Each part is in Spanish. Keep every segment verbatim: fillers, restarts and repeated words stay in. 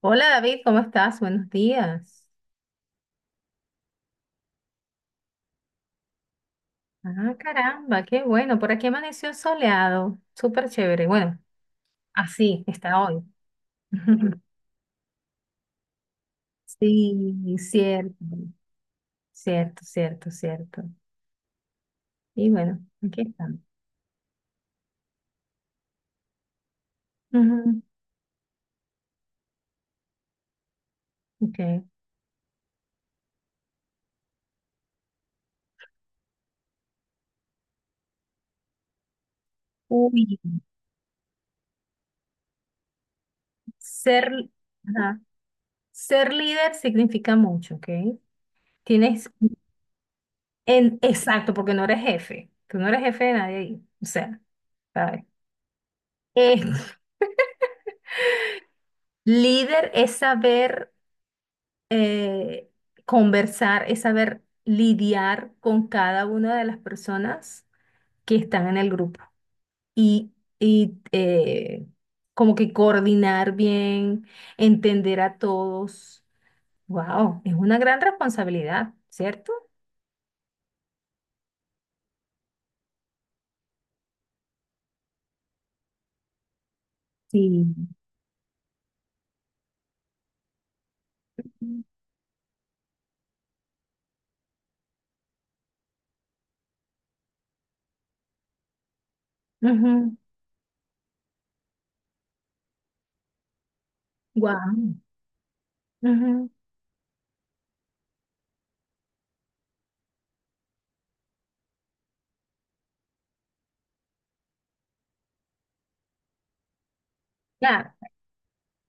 Hola David, ¿cómo estás? Buenos días. Ah, caramba, qué bueno. Por aquí amaneció soleado, súper chévere. Bueno, así está hoy. Sí, cierto, cierto, cierto, cierto. Y bueno, aquí estamos. Ujú, ok. Uy, ser, ajá, ser líder significa mucho, ¿ok? Tienes, en, exacto, porque no eres jefe. Tú no eres jefe de nadie ahí. O sea, ¿sabes? Eh, líder es saber eh, conversar, es saber lidiar con cada una de las personas que están en el grupo y, y, eh, como que coordinar bien, entender a todos. Wow, es una gran responsabilidad, ¿cierto? Sí. Wow. Claro.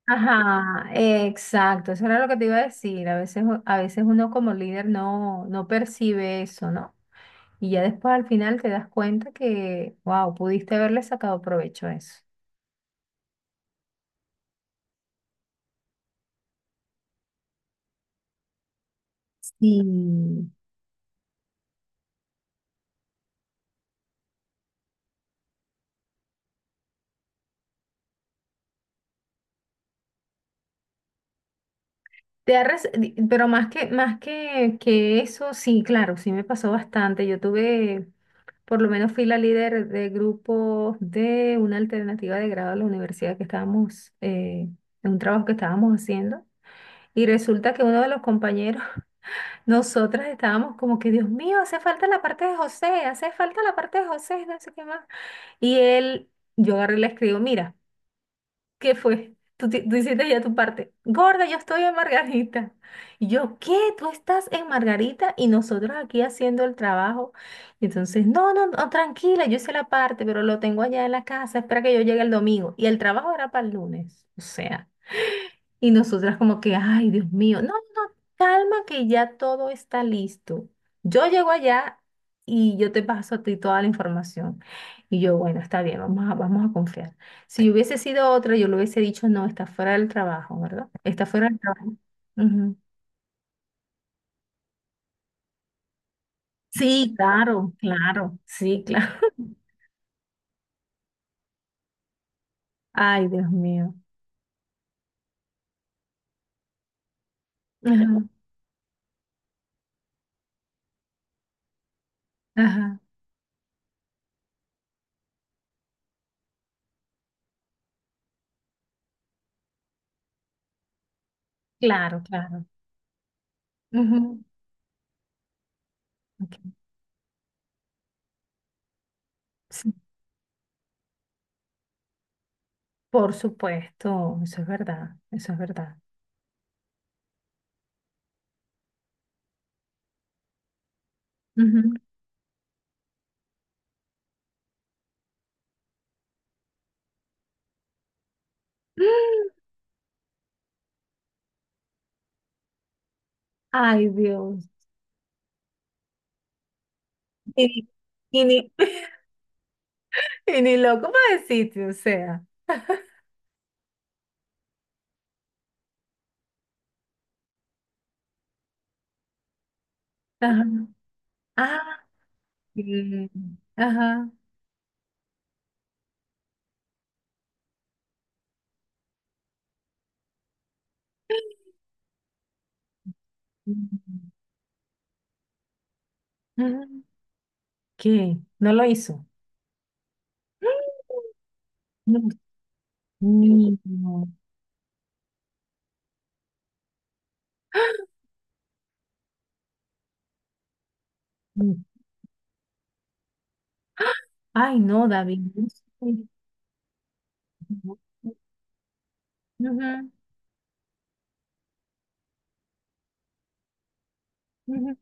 Ajá, exacto. Eso era lo que te iba a decir. A veces, a veces uno como líder no, no percibe eso, ¿no? Y ya después al final te das cuenta que, wow, pudiste haberle sacado provecho a eso. Sí, Te ha res- di- pero más que, más que, que eso, sí, claro, sí me pasó bastante. Yo tuve, por lo menos fui la líder de grupos de una alternativa de grado a la universidad que estábamos, eh, en un trabajo que estábamos haciendo. Y resulta que uno de los compañeros. Nosotras estábamos como que, Dios mío, hace falta la parte de José, hace falta la parte de José, no sé qué más. Y él, yo agarré y le escribo, mira, ¿qué fue? Tú, ti- tú hiciste ya tu parte. Gorda, yo estoy en Margarita. Y yo, ¿qué? Tú estás en Margarita y nosotros aquí haciendo el trabajo. Y entonces, no, no, no, tranquila, yo hice la parte, pero lo tengo allá en la casa, espera que yo llegue el domingo. Y el trabajo era para el lunes, o sea. Y nosotras como que, ay, Dios mío, no, no, calma que ya todo está listo. Yo llego allá y yo te paso a ti toda la información. Y yo, bueno, está bien, vamos a, vamos a confiar. Si yo hubiese sido otra, yo le hubiese dicho, no, está fuera del trabajo, ¿verdad? Está fuera del trabajo. Ujú. Sí, claro, claro, sí, claro. Ay, Dios mío. Ajá, ajá. Claro, claro. Ujú, ok. Sí, por supuesto, eso es verdad, eso es verdad. Ay, Dios. Y, ni- y ni- Y ni loco para el sitio, o sea. Ajá. Ah, sí. Ajá. Mm. Ajá. ¿Qué? ¿No lo hizo? No, niño. Ay, no, David. No sé. Ujú, ujú.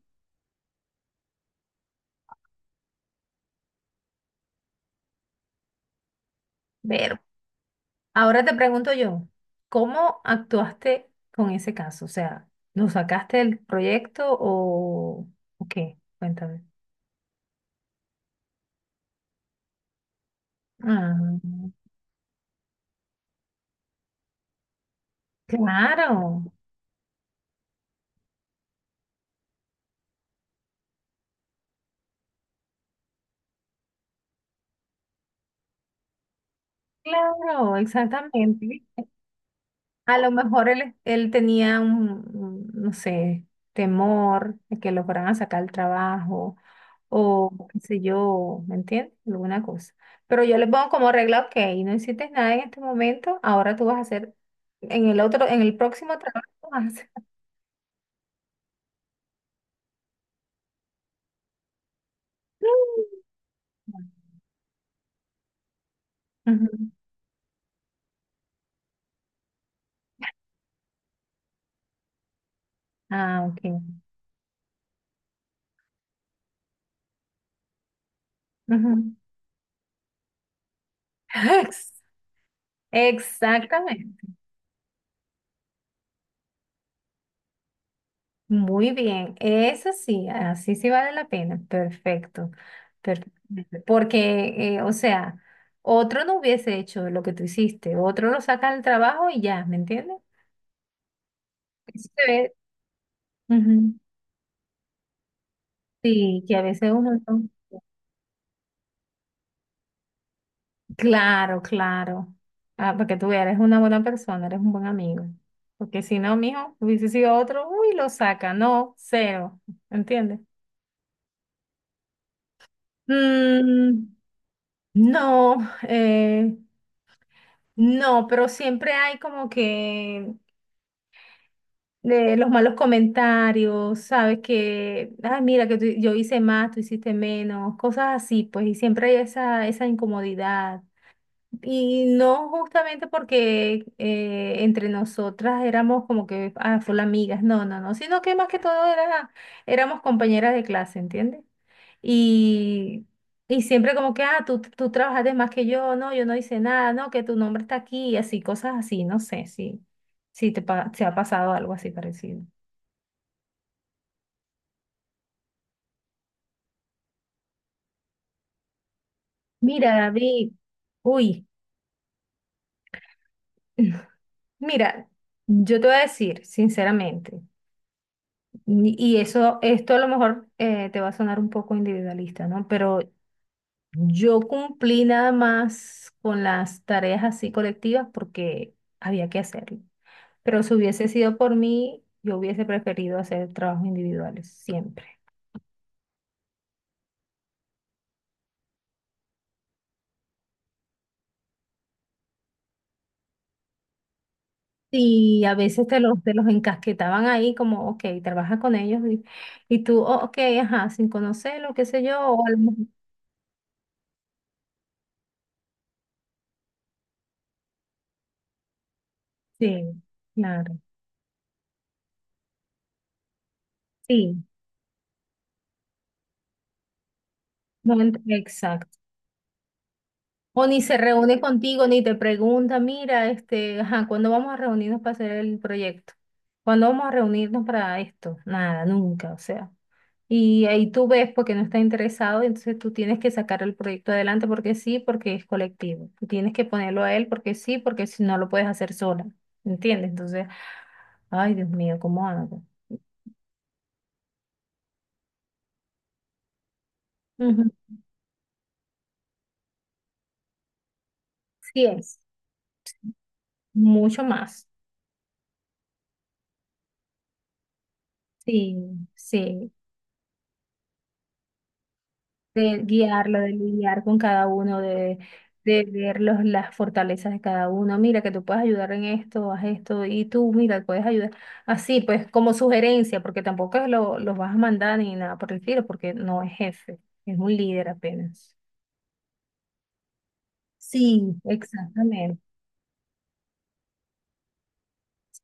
Ver- Ahora te pregunto yo, ¿cómo actuaste con ese caso? O sea, ¿lo sacaste del proyecto o, o qué? Cuéntame. Ah, claro, claro, exactamente. ¿Viste? A lo mejor él, él tenía un, un, no sé, temor de que lo fueran a sacar el trabajo o qué sé yo, ¿me entiendes? Alguna cosa. Pero yo le pongo como regla, ok, no hiciste nada en este momento, ahora tú vas a hacer, en el otro, en el próximo trabajo vas a hacer. Ujú. Ah, ok. Ujú. Ex- Exactamente. Muy bien. Eso sí, así sí vale la pena. Perfecto. Perfectamente. Porque, eh, o sea, otro no hubiese hecho lo que tú hiciste. Otro lo saca del trabajo y ya, ¿me entiendes? Eso se ve. Sí, que a veces uno... no- Claro, claro. Ah, porque tú eres una buena persona, eres un buen amigo. Porque si no, mijo, hubiese sido otro, uy, lo saca. No, cero. ¿Entiendes? Mm, no, eh, no, pero siempre hay como que eh, los malos comentarios, ¿sabes? Que, ay, mira, que tú- yo hice más, tú hiciste menos, cosas así, pues, y siempre hay esa, esa incomodidad. Y no justamente porque eh, entre nosotras éramos como que, ah, full amigas, no, no, no, sino que más que todo era, éramos compañeras de clase, ¿entiendes? Y, y siempre como que, ah, tú, tú trabajaste más que yo, no, yo no hice nada, no, que tu nombre está aquí, y así, cosas así, no sé si, si te, pa- te ha pasado algo así parecido. Mira, David, uy, mira, yo te voy a decir, sinceramente. Y eso, esto a lo mejor eh, te va a sonar un poco individualista, ¿no? Pero yo cumplí nada más con las tareas así colectivas porque había que hacerlo. Pero si hubiese sido por mí, yo hubiese preferido hacer trabajos individuales, siempre. Y a veces te los, te los encasquetaban ahí como, ok, trabaja con ellos y, y tú, "Oh, ok, ajá, sin conocerlo, qué sé yo, o a lo mejor...". Sí, claro. Sí, no, ent- exacto. O ni se reúne contigo, ni te pregunta, mira, este, ajá, ¿cuándo vamos a reunirnos para hacer el proyecto? ¿Cuándo vamos a reunirnos para esto? Nada, nunca, o sea. Y ahí tú ves porque no está interesado, entonces tú tienes que sacar el proyecto adelante porque sí, porque es colectivo. Tú tienes que ponerlo a él porque sí, porque si no lo puedes hacer sola, ¿entiendes? Entonces, ay, Dios mío, ¿cómo hago? Ujú. Sí es, mucho más. Sí, sí. De guiarlo, de lidiar con cada uno, de, de ver los, las fortalezas de cada uno. Mira, que tú puedes ayudar en esto, haz esto, y tú, mira, puedes ayudar. Así, pues, como sugerencia, porque tampoco es lo, los vas a mandar ni nada por el estilo, porque no es jefe, es un líder apenas. Sí, exactamente.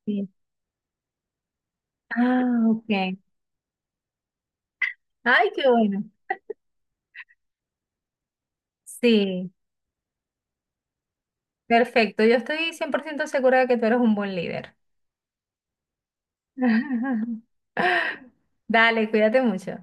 Sí. Ah, ok. Ay, qué bueno. Sí, perfecto. Yo estoy cien por ciento segura de que tú eres un buen líder. Dale, cuídate mucho.